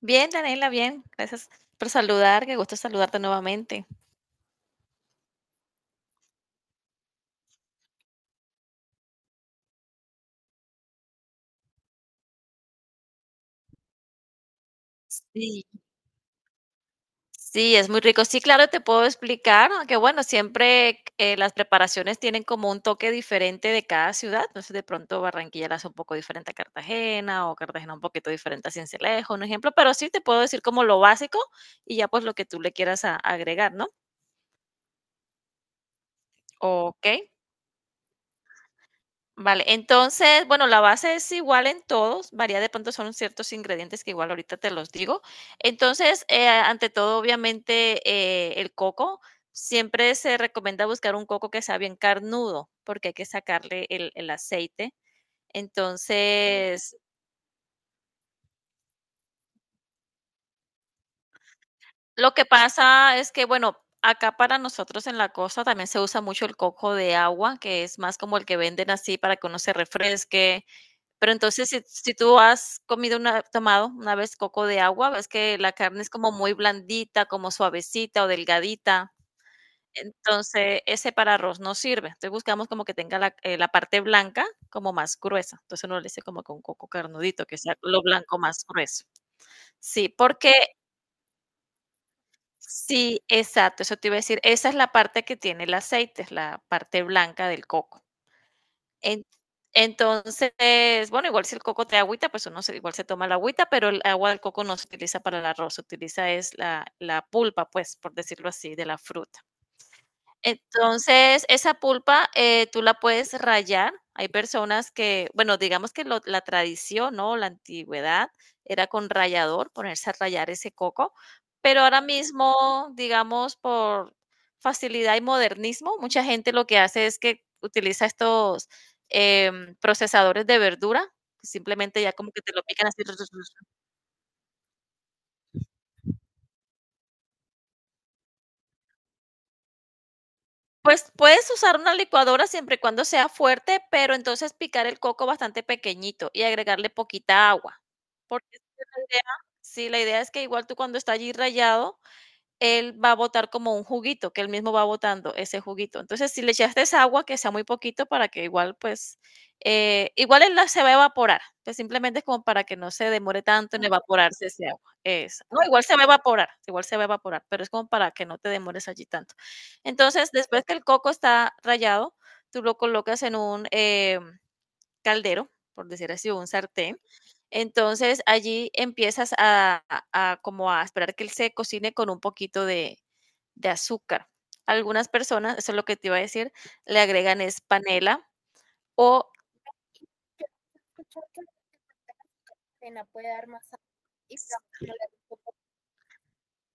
Bien, Daniela, bien. Gracias por saludar. Qué gusto saludarte nuevamente. Sí, sí, es muy rico. Sí, claro, te puedo explicar, ¿no? Que bueno, siempre las preparaciones tienen como un toque diferente de cada ciudad. Entonces, de pronto Barranquilla la hace un poco diferente a Cartagena o Cartagena un poquito diferente a Sincelejo, un ejemplo. Pero sí te puedo decir como lo básico y ya pues lo que tú le quieras agregar, ¿no? Ok. Vale, entonces, bueno, la base es igual en todos, varía de pronto son ciertos ingredientes que igual ahorita te los digo. Entonces, ante todo, obviamente, el coco, siempre se recomienda buscar un coco que sea bien carnudo, porque hay que sacarle el aceite. Entonces, lo que pasa es que, bueno, acá para nosotros en la costa también se usa mucho el coco de agua, que es más como el que venden así para que uno se refresque. Pero entonces, si tú has comido una tomado una vez coco de agua, ves que la carne es como muy blandita, como suavecita o delgadita. Entonces, ese para arroz no sirve. Entonces, buscamos como que tenga la parte blanca como más gruesa. Entonces, uno le dice como con coco carnudito, que sea lo blanco más grueso. Sí, porque sí, exacto, eso te iba a decir. Esa es la parte que tiene el aceite, es la parte blanca del coco. En Entonces, bueno, igual si el coco trae agüita, pues uno se, igual se toma la agüita, pero el agua del coco no se utiliza para el arroz, se utiliza es la pulpa, pues, por decirlo así, de la fruta. Entonces, esa pulpa, tú la puedes rallar. Hay personas que, bueno, digamos que la tradición, ¿no? La antigüedad era con rallador, ponerse a rallar ese coco, pero ahora mismo, digamos, por facilidad y modernismo, mucha gente lo que hace es que utiliza estos procesadores de verdura, que simplemente ya como que te lo pican así. Pues, puedes usar una licuadora siempre y cuando sea fuerte, pero entonces picar el coco bastante pequeñito y agregarle poquita agua, porque es que la idea es que igual tú cuando está allí rallado, él va a botar como un juguito, que él mismo va botando ese juguito. Entonces, si le echaste esa agua, que sea muy poquito para que igual, pues, igual él la se va a evaporar, pues simplemente es como para que no se demore tanto en evaporarse ese agua. No, igual se va a evaporar, igual se va a evaporar, pero es como para que no te demores allí tanto. Entonces, después que el coco está rallado, tú lo colocas en un caldero, por decir así, un sartén, entonces, allí empiezas a como a esperar que él se cocine con un poquito de azúcar. Algunas personas, eso es lo que te iba a decir, le agregan es panela o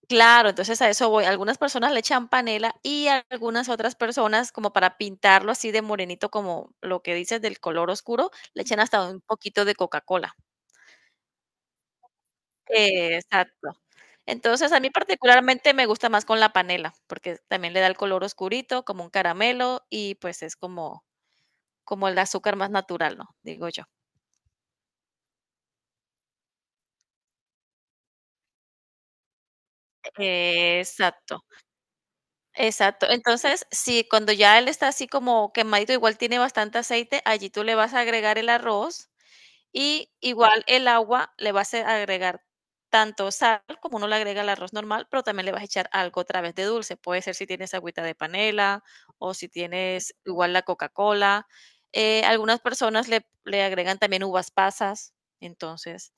claro, entonces a eso voy. Algunas personas le echan panela y algunas otras personas, como para pintarlo así de morenito, como lo que dices del color oscuro, le echan hasta un poquito de Coca-Cola. Exacto. Entonces, a mí particularmente me gusta más con la panela, porque también le da el color oscurito, como un caramelo, y pues es como el azúcar más natural, ¿no? Digo yo. Exacto, exacto. Entonces, sí, cuando ya él está así como quemadito, igual tiene bastante aceite, allí tú le vas a agregar el arroz. Y igual el agua le vas a agregar tanto sal como uno le agrega al arroz normal, pero también le vas a echar algo otra vez de dulce. Puede ser si tienes agüita de panela o si tienes igual la Coca-Cola. Algunas personas le agregan también uvas pasas. Entonces,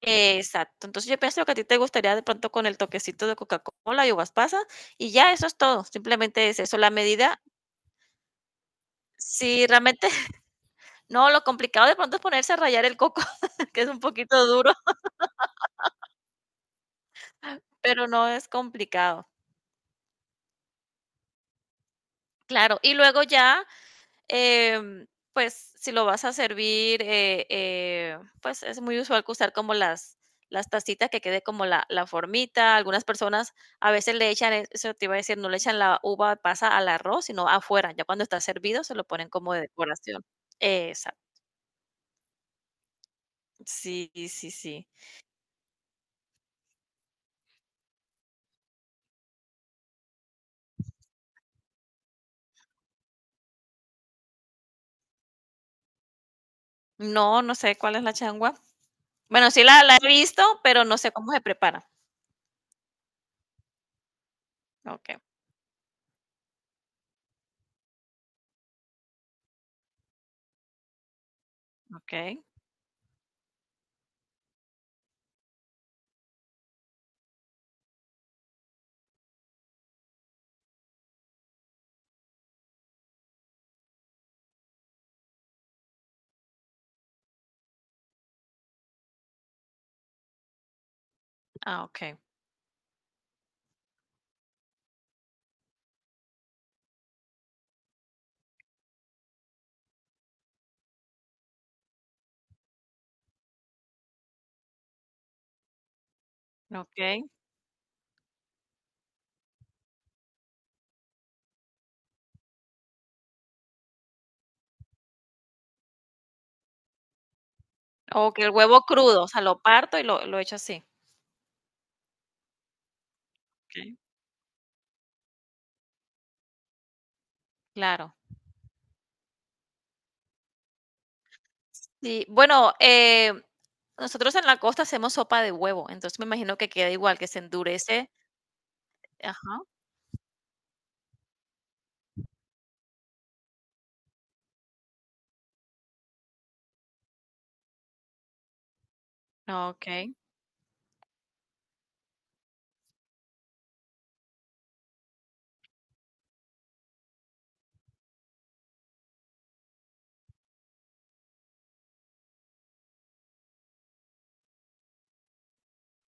exacto. Entonces yo pienso que a ti te gustaría de pronto con el toquecito de Coca-Cola y uvas pasas y ya eso es todo. Simplemente es eso. La medida, si realmente, no, lo complicado de pronto es ponerse a rallar el coco, que es un poquito duro. Pero no es complicado. Claro, y luego ya, em, pues, si lo vas a servir, pues, es muy usual que usar como las tacitas que quede como la formita. Algunas personas a veces le echan, eso te iba a decir, no le echan la uva pasa al arroz, sino afuera, ya cuando está servido se lo ponen como de decoración. Exacto. Sí, sí, sí. No, no sé cuál es la changua. Bueno, sí la he visto, pero no sé cómo se prepara. Okey, okey. Ah, okey, okey. O que el huevo crudo, o sea, lo parto y lo echo así. Okey. Claro. Sí, bueno, nosotros en la costa hacemos sopa de huevo, entonces me imagino que queda igual, que se endurece. Ajá, okey.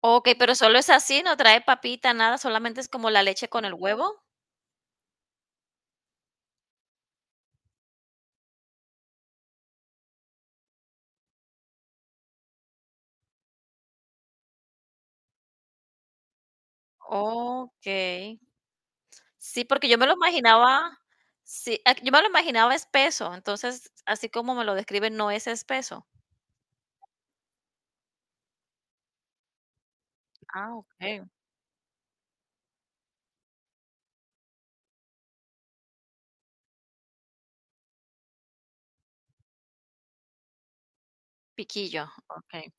Okey, pero solo es así, no trae papita, nada, solamente es como la leche con el huevo. Okey. Sí, porque yo me lo imaginaba sí, ah, Yo me lo imaginaba espeso, entonces, así como me lo describen, no es espeso. Ah, okey. Piquillo, okey.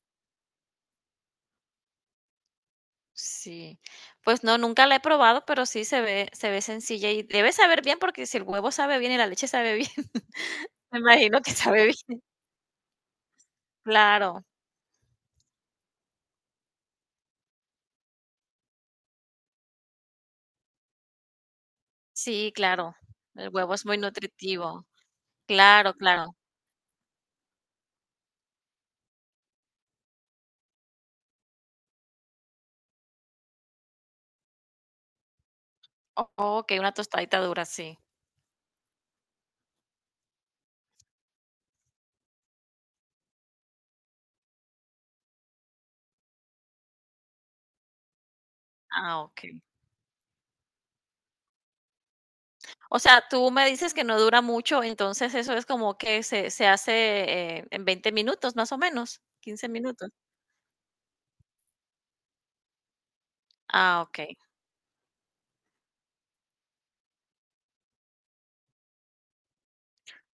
Sí. Pues no, nunca la he probado, pero sí se ve sencilla y debe saber bien, porque si el huevo sabe bien y la leche sabe bien, me imagino que sabe bien. Claro, sí, claro. El huevo es muy nutritivo. Claro, claro. O Okey, una tostadita dura, sí. Ah, okey. O sea, tú me dices que no dura mucho, entonces eso es como que se hace, en 20 minutos, más o menos, 15 minutos. Ah, okey.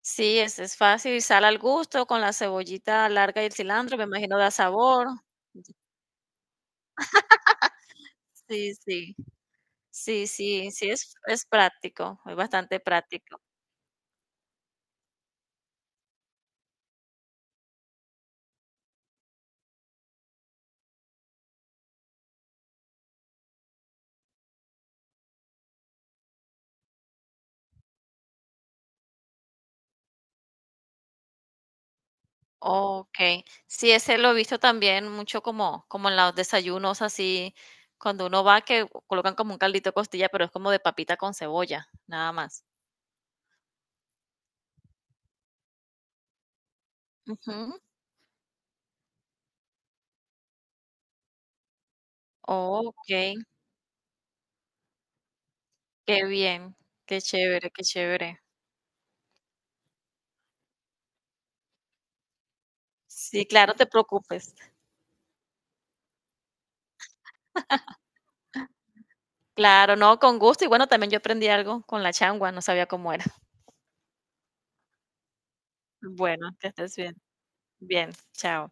Sí, es fácil y sal al gusto con la cebollita larga y el cilantro, me imagino da sabor. Sí, sí. Sí, sí, sí, es práctico, es bastante práctico. Okey. Sí, ese lo he visto también mucho como en los desayunos así, cuando uno va que colocan como un caldito de costilla, pero es como de papita con cebolla, nada más. Ujú. Okey, qué bien, qué chévere, qué chévere. Sí, claro, te preocupes. Claro, no, con gusto. Y bueno, también yo aprendí algo con la changua, no sabía cómo era. Bueno, que estés bien. Bien, chao.